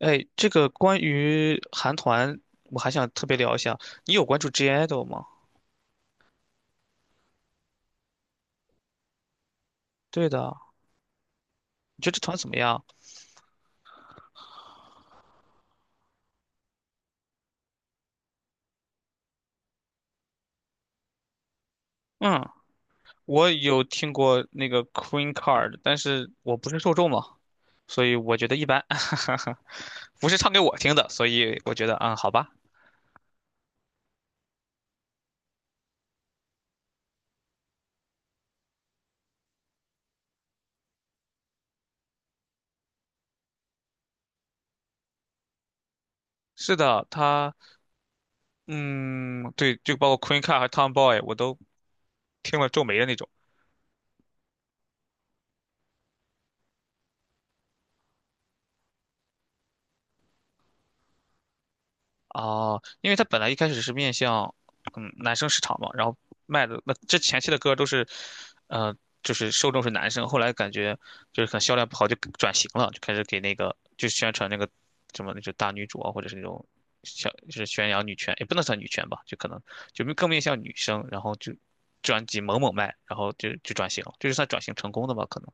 哎，这个关于韩团，我还想特别聊一下。你有关注 G IDOL 吗？对的，你觉得这团怎么样？嗯，我有听过那个 Queen Card，但是我不是受众嘛，所以我觉得一般，不是唱给我听的，所以我觉得好吧。是的，嗯，对，就包括 Queen Card 和 Tomboy，我都听了皱眉的那种。哦，因为他本来一开始是面向男生市场嘛，然后卖的那这前期的歌都是，呃，就是受众是男生，后来感觉就是可能销量不好就转型了，就开始给那个就宣传那个什么那种大女主啊，或者是那种小就是宣扬女权，也不能算女权吧，就可能就更面向女生，然后就专辑猛猛卖，然后就转型了，是算转型成功的吧，可能。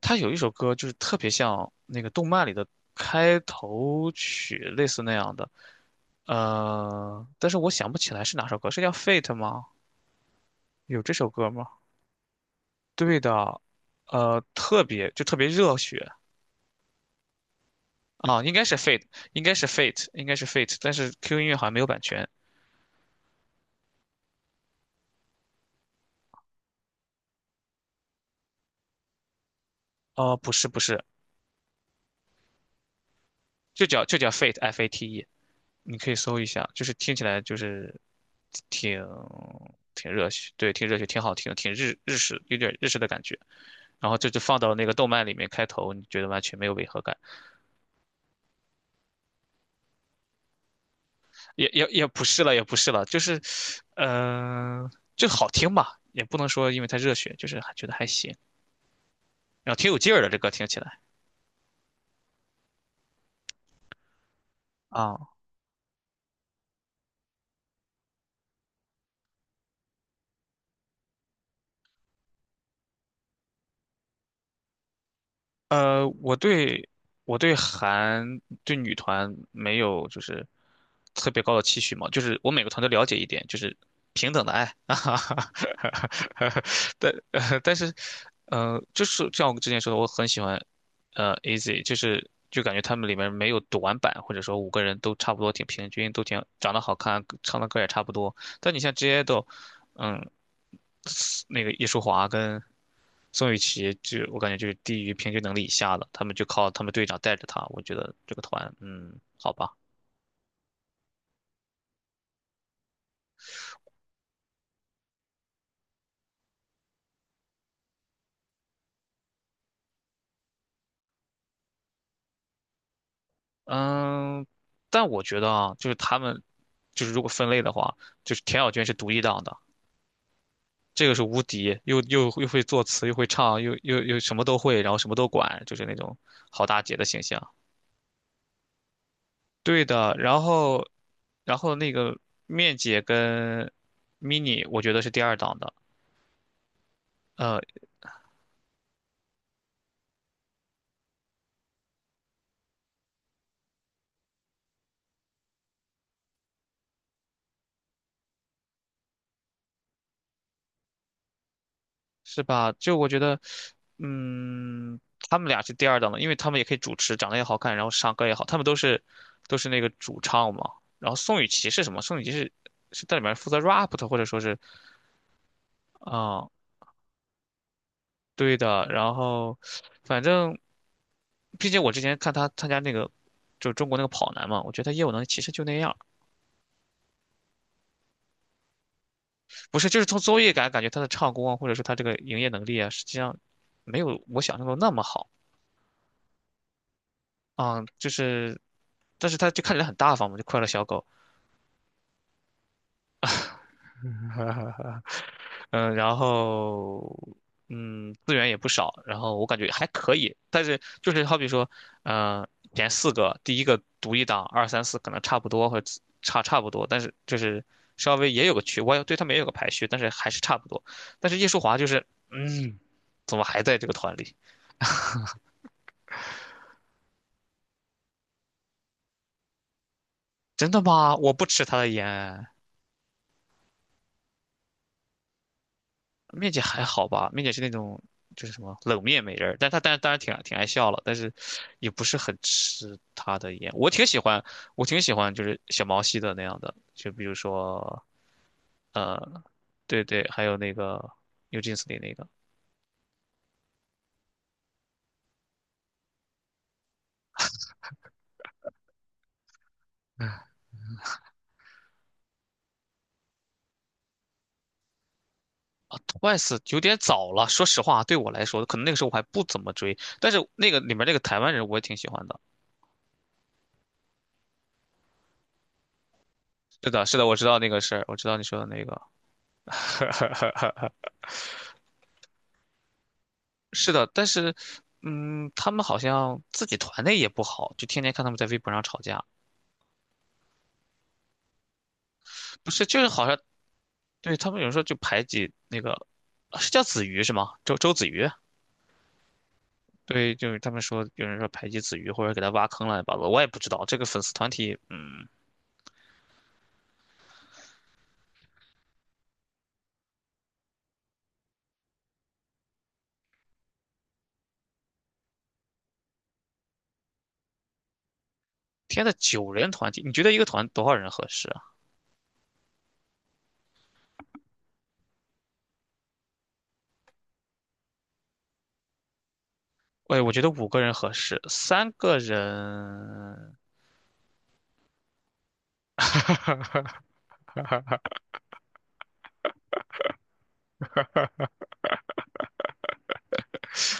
他有一首歌就是特别像那个动漫里的开头曲，类似那样的。但是我想不起来是哪首歌，是叫《Fate》吗？有这首歌吗？对的，特别热血啊，应该是《Fate》，但是 QQ 音乐好像没有版权。哦、不是不是，就叫 Fate，F A T E，你可以搜一下，就是听起来就是挺挺热血，对，挺热血，挺好听，挺日式，有点日式的感觉。然后这就放到那个动漫里面开头，你觉得完全没有违和感。也不是了，就是，嗯、就好听吧，也不能说因为太热血，就是还觉得还行，然后挺有劲儿的这歌听起来啊。呃，我对我对女团没有就是特别高的期许嘛，就是我每个团都了解一点，就是平等的爱 哈哈哈，但是就是像我之前说的，我很喜欢AZ，就是就感觉他们里面没有短板，或者说五个人都差不多挺平均，都挺长得好看，唱的歌也差不多。但你像 Jidol，嗯那个叶舒华跟宋雨琦就，我感觉就是低于平均能力以下的，他们就靠他们队长带着他。我觉得这个团，好吧，嗯，但我觉得啊，就是他们就是如果分类的话，就是田小娟是独一档的，这个是无敌，又会作词，又会唱，又什么都会，然后什么都管，就是那种好大姐的形象。对的，然后那个面姐跟 mini，我觉得是第二档的。呃，是吧？就我觉得，嗯，他们俩是第二档的，因为他们也可以主持，长得也好看，然后唱歌也好，他们都是那个主唱嘛。然后宋雨琦是什么？宋雨琦是在里面负责 rap 的，或者说是啊、对的。然后反正，毕竟我之前看他参加那个。就是中国那个跑男嘛，我觉得他业务能力其实就那样，不是，就是从综艺感感觉他的唱功啊，或者说他这个营业能力啊，实际上没有我想象中那么好啊、就是，但是他就看起来很大方嘛，就快乐小狗。嗯，然后资源也不少，然后我感觉还可以，但是就是好比说，嗯、前四个，第一个独一档，二三四可能差不多，或者差不多，但是就是稍微也有个区，我也对他们也有个排序，但是还是差不多。但是叶舒华就是，嗯，怎么还在这个团里？真的吗？我不吃他的盐，面姐还好吧？面姐是那种就是什么冷面美人儿，但是当然挺爱笑了，但是也不是很吃她的颜。我挺喜欢就是小毛细的那样的，就比如说呃，对对，还有那个 NewJeans 里那个啊，Twice 有点早了，说实话，对我来说，可能那个时候我还不怎么追，但是那个里面那个台湾人我也挺喜欢的。是的，是的，我知道那个事儿，我知道你说的那个。是的，但是，他们好像自己团内也不好，就天天看他们在微博上吵架，不是，就是好像对他们有人说就排挤那个，啊是叫子瑜是吗？周子瑜，对，就是他们说有人说排挤子瑜或者给他挖坑乱七八糟我也不知道这个粉丝团体，天呐，9人团体，你觉得一个团多少人合适啊？喂，我觉得五个人合适，3个人，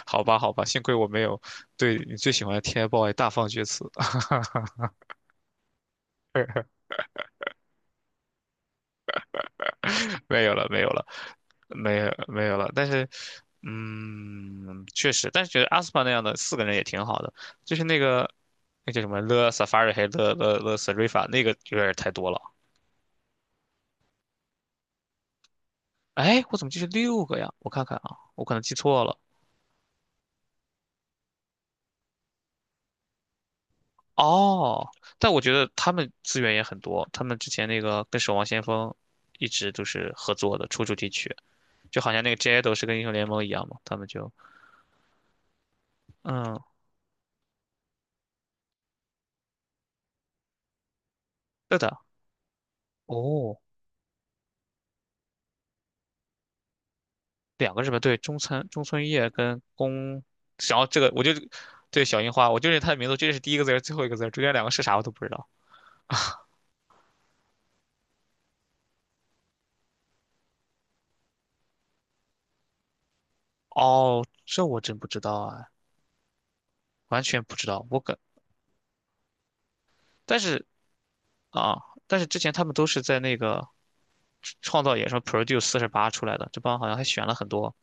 好吧，好吧，幸亏我没有对你最喜欢的 TFBOYS 大放厥词。没有了，没有了，没有没有了。但是，确实，但是觉得阿斯帕那样的4个人也挺好的，就是那个那叫什么 s a 勒萨法瑞还勒勒勒斯瑞法那个有点太多了。哎，我怎么记是6个呀？我看看啊，我可能记错了。哦，但我觉得他们资源也很多，他们之前那个跟《守望先锋》一直都是合作的，出主题曲，就好像那个 Jado 是跟英雄联盟一样嘛，他们就嗯，对的，哦，两个是吧？对中村叶跟宫，然后这个我就对小樱花，我就认他的名字，这是第一个字儿，最后一个字儿，中间两个是啥我都不知道。哦，这我真不知道啊，完全不知道。我感，但是啊，但是之前他们都是在那个创造野什么 Produce 四十八出来的，这帮好像还选了很多。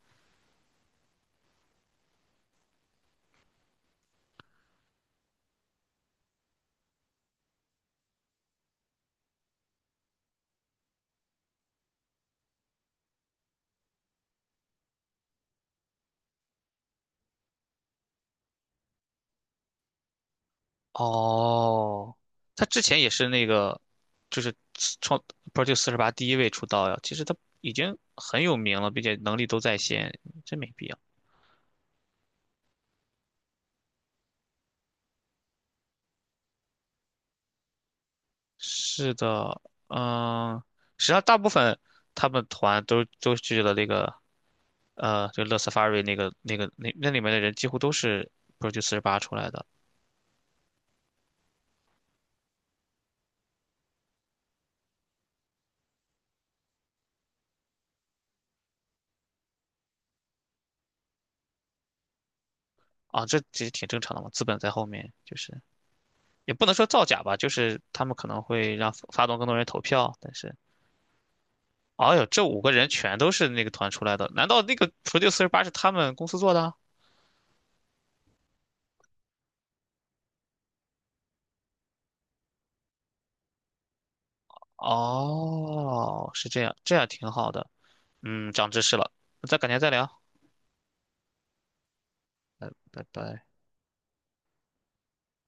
哦，他之前也是那个，就是创 Produce 四十八第一位出道呀。其实他已经很有名了，并且能力都在线，真没必要。是的，嗯，实际上大部分他们团都去了那个就乐 Safari 那个那里面的人几乎都是 Produce 四十八出来的啊，这其实挺正常的嘛，资本在后面，就是也不能说造假吧，就是他们可能会让发动更多人投票，但是，哎呦，这五个人全都是那个团出来的，难道那个 Produce 四十八是他们公司做的？哦，是这样，这样挺好的，长知识了，那咱改天再聊，拜拜拜。